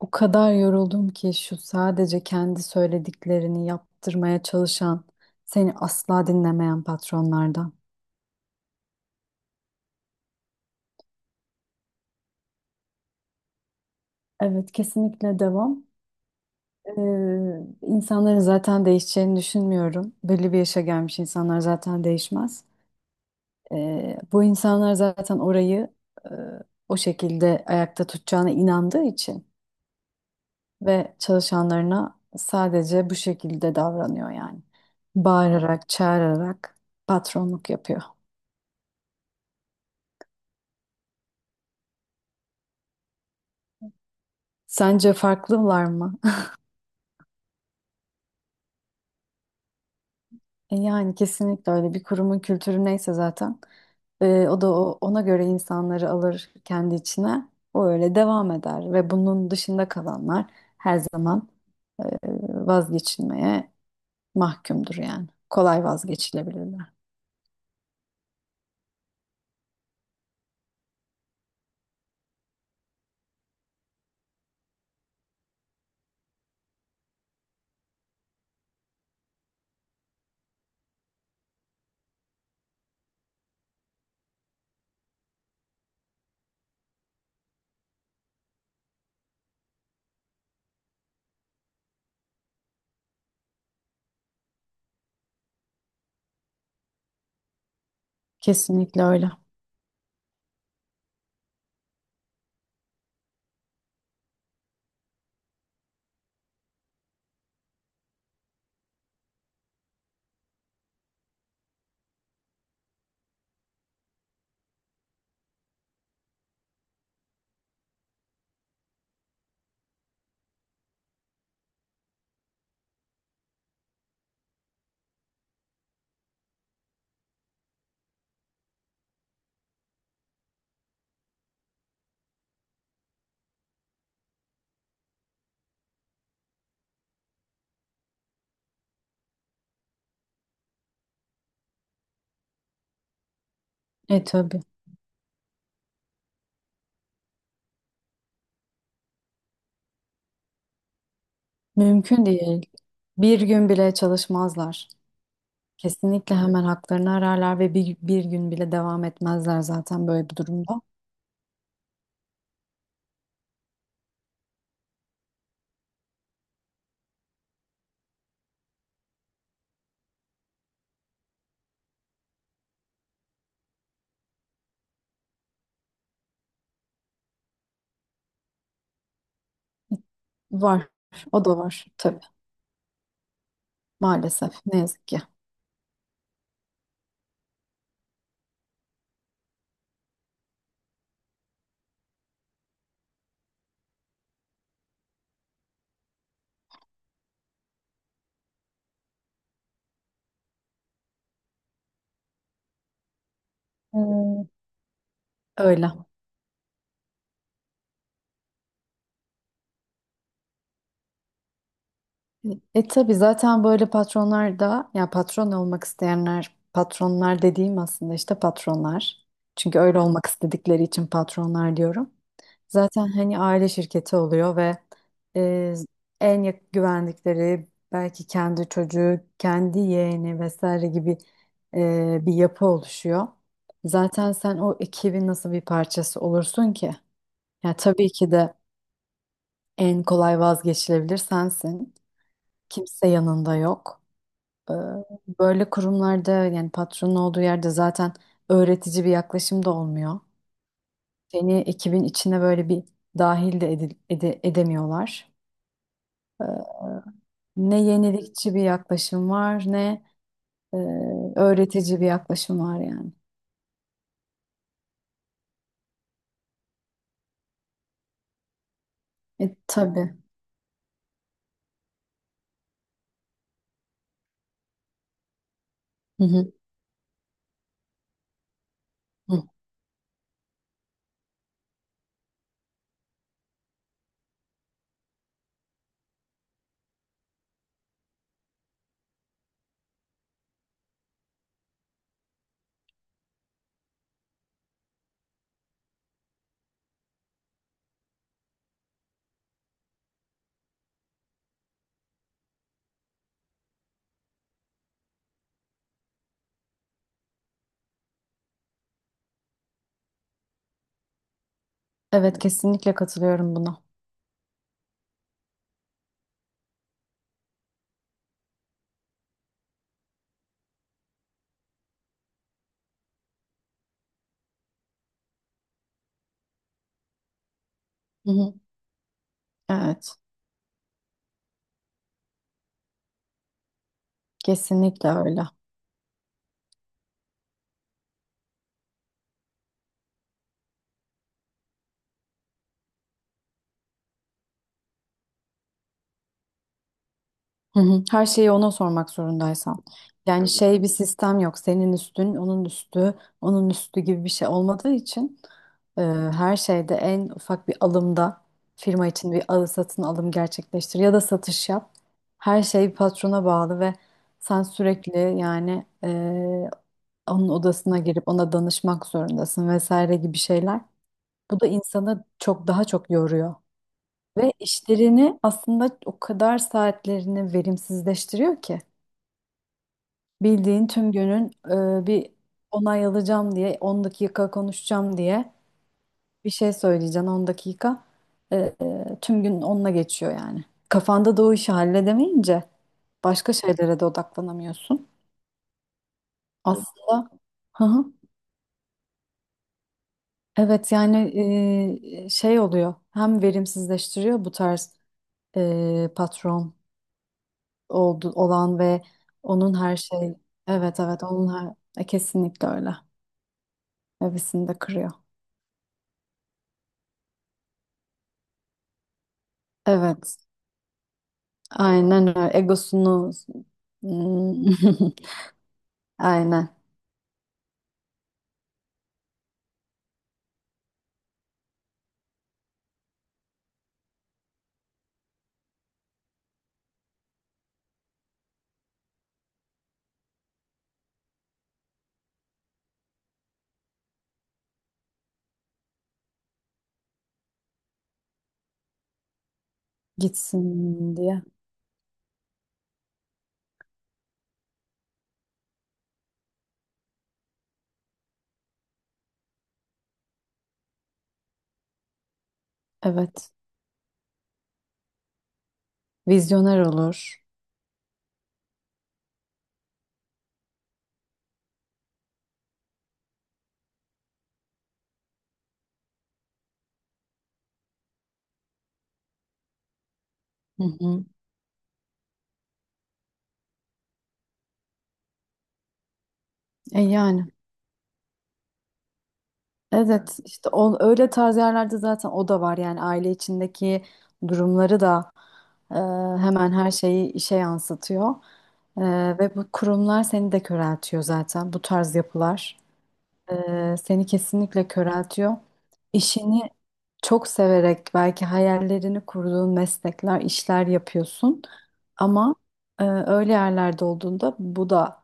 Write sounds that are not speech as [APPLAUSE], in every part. O kadar yoruldum ki şu sadece kendi söylediklerini yaptırmaya çalışan, seni asla dinlemeyen patronlardan. Evet, kesinlikle devam. Ee, insanların zaten değişeceğini düşünmüyorum. Belli bir yaşa gelmiş insanlar zaten değişmez. Bu insanlar zaten orayı e, o şekilde ayakta tutacağına inandığı için ve çalışanlarına sadece bu şekilde davranıyor yani. Bağırarak, çağırarak patronluk yapıyor. Sence farklılar mı? [LAUGHS] Yani kesinlikle öyle bir kurumun kültürü neyse zaten, e, o da o- ona göre insanları alır kendi içine. O öyle devam eder ve bunun dışında kalanlar her zaman e, vazgeçilmeye mahkumdur yani. Kolay vazgeçilebilirler. Kesinlikle öyle. Tabii. Mümkün değil. Bir gün bile çalışmazlar. Kesinlikle hemen haklarını ararlar ve bir gün bile devam etmezler zaten böyle bir durumda. Var. O da var tabii. Maalesef. Ne yazık ki. Ee, Öyle. Tabii, zaten böyle patronlar da ya patron olmak isteyenler, patronlar dediğim aslında işte patronlar. Çünkü öyle olmak istedikleri için patronlar diyorum. Zaten hani aile şirketi oluyor ve e, güvendikleri belki kendi çocuğu, kendi yeğeni vesaire gibi bir yapı oluşuyor. Zaten sen o ekibin nasıl bir parçası olursun ki? Ya tabii ki de en kolay vazgeçilebilir sensin. Kimse yanında yok. Ee, Böyle kurumlarda, yani patronun olduğu yerde, zaten öğretici bir yaklaşım da olmuyor. Seni ekibin içine böyle bir dahil de edemiyorlar. Ne yenilikçi bir yaklaşım var, ne e, öğretici bir yaklaşım var yani. Tabii. Hı hı. Hı. Evet, kesinlikle katılıyorum buna. Hı hı. Evet, kesinlikle öyle. Hı hı. Her şeyi ona sormak zorundaysan. Yani tabii, şey, bir sistem yok. Senin üstün, onun üstü, onun üstü gibi bir şey olmadığı için, e, her şeyde, en ufak bir alımda, firma için bir satın alım gerçekleştir ya da satış yap. Her şey patrona bağlı ve sen sürekli yani onun odasına girip ona danışmak zorundasın, vesaire gibi şeyler. Bu da insanı çok daha çok yoruyor. Ve işlerini, aslında o kadar saatlerini verimsizleştiriyor ki. Bildiğin tüm günün bir onay alacağım diye 10 dakika, konuşacağım diye bir şey söyleyeceksin 10 dakika. Tüm gün onunla geçiyor yani. Kafanda da o işi halledemeyince başka şeylere de odaklanamıyorsun. Aslında, hı hı. Evet yani şey oluyor, hem verimsizleştiriyor bu tarz patron oldu, olan ve onun her şey, evet, onun her, kesinlikle öyle. Hevesini de kırıyor. Evet. Aynen öyle. Egosunu. Hmm. [LAUGHS] Aynen. Gitsin diye. Evet. Vizyoner olur. Hı hı. Yani evet, işte o, öyle tarz yerlerde zaten o da var yani, aile içindeki durumları da e, hemen her şeyi işe yansıtıyor. E, Ve bu kurumlar seni de köreltiyor, zaten bu tarz yapılar. Seni kesinlikle köreltiyor. İşini çok severek, belki hayallerini kurduğun meslekler, işler yapıyorsun. Ama öyle yerlerde olduğunda bu da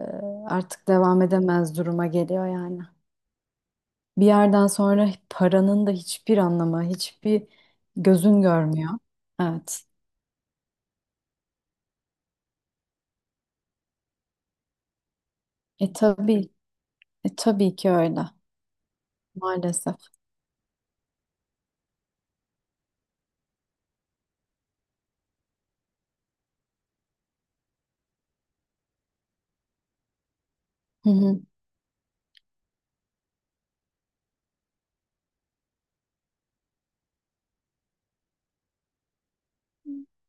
e, artık devam edemez duruma geliyor yani. Bir yerden sonra paranın da hiçbir anlamı, hiçbir gözün görmüyor. Evet. Tabii, tabii ki öyle. Maalesef. Hı hı.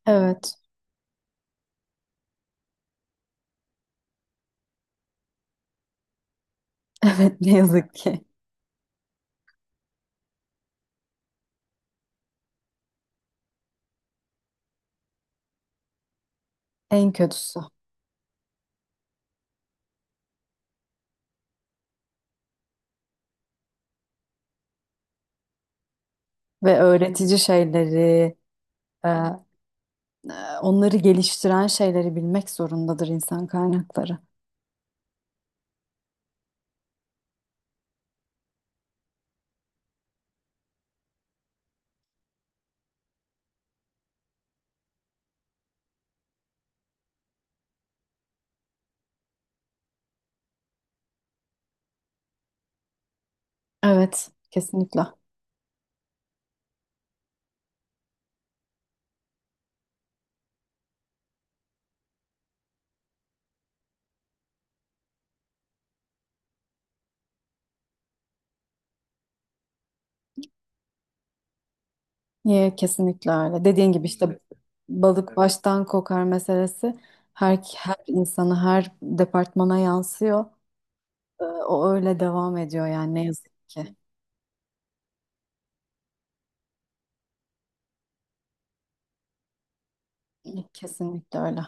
Evet. [LAUGHS] Evet, ne yazık ki. En kötüsü. Ve öğretici şeyleri, e, e, onları geliştiren şeyleri bilmek zorundadır insan kaynakları. Evet, kesinlikle. Niye? Kesinlikle öyle. Dediğin gibi işte, balık, evet, baştan kokar meselesi her insanı, her departmana yansıyor. O öyle devam ediyor yani, ne yazık ki. Kesinlikle öyle.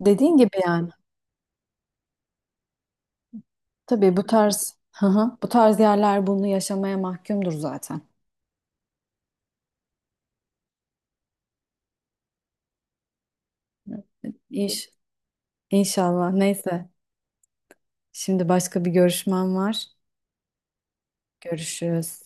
Dediğin gibi yani. Tabii bu tarz, hı hı, bu tarz yerler bunu yaşamaya mahkumdur zaten. İş, inşallah. Neyse. Şimdi başka bir görüşmem var. Görüşürüz.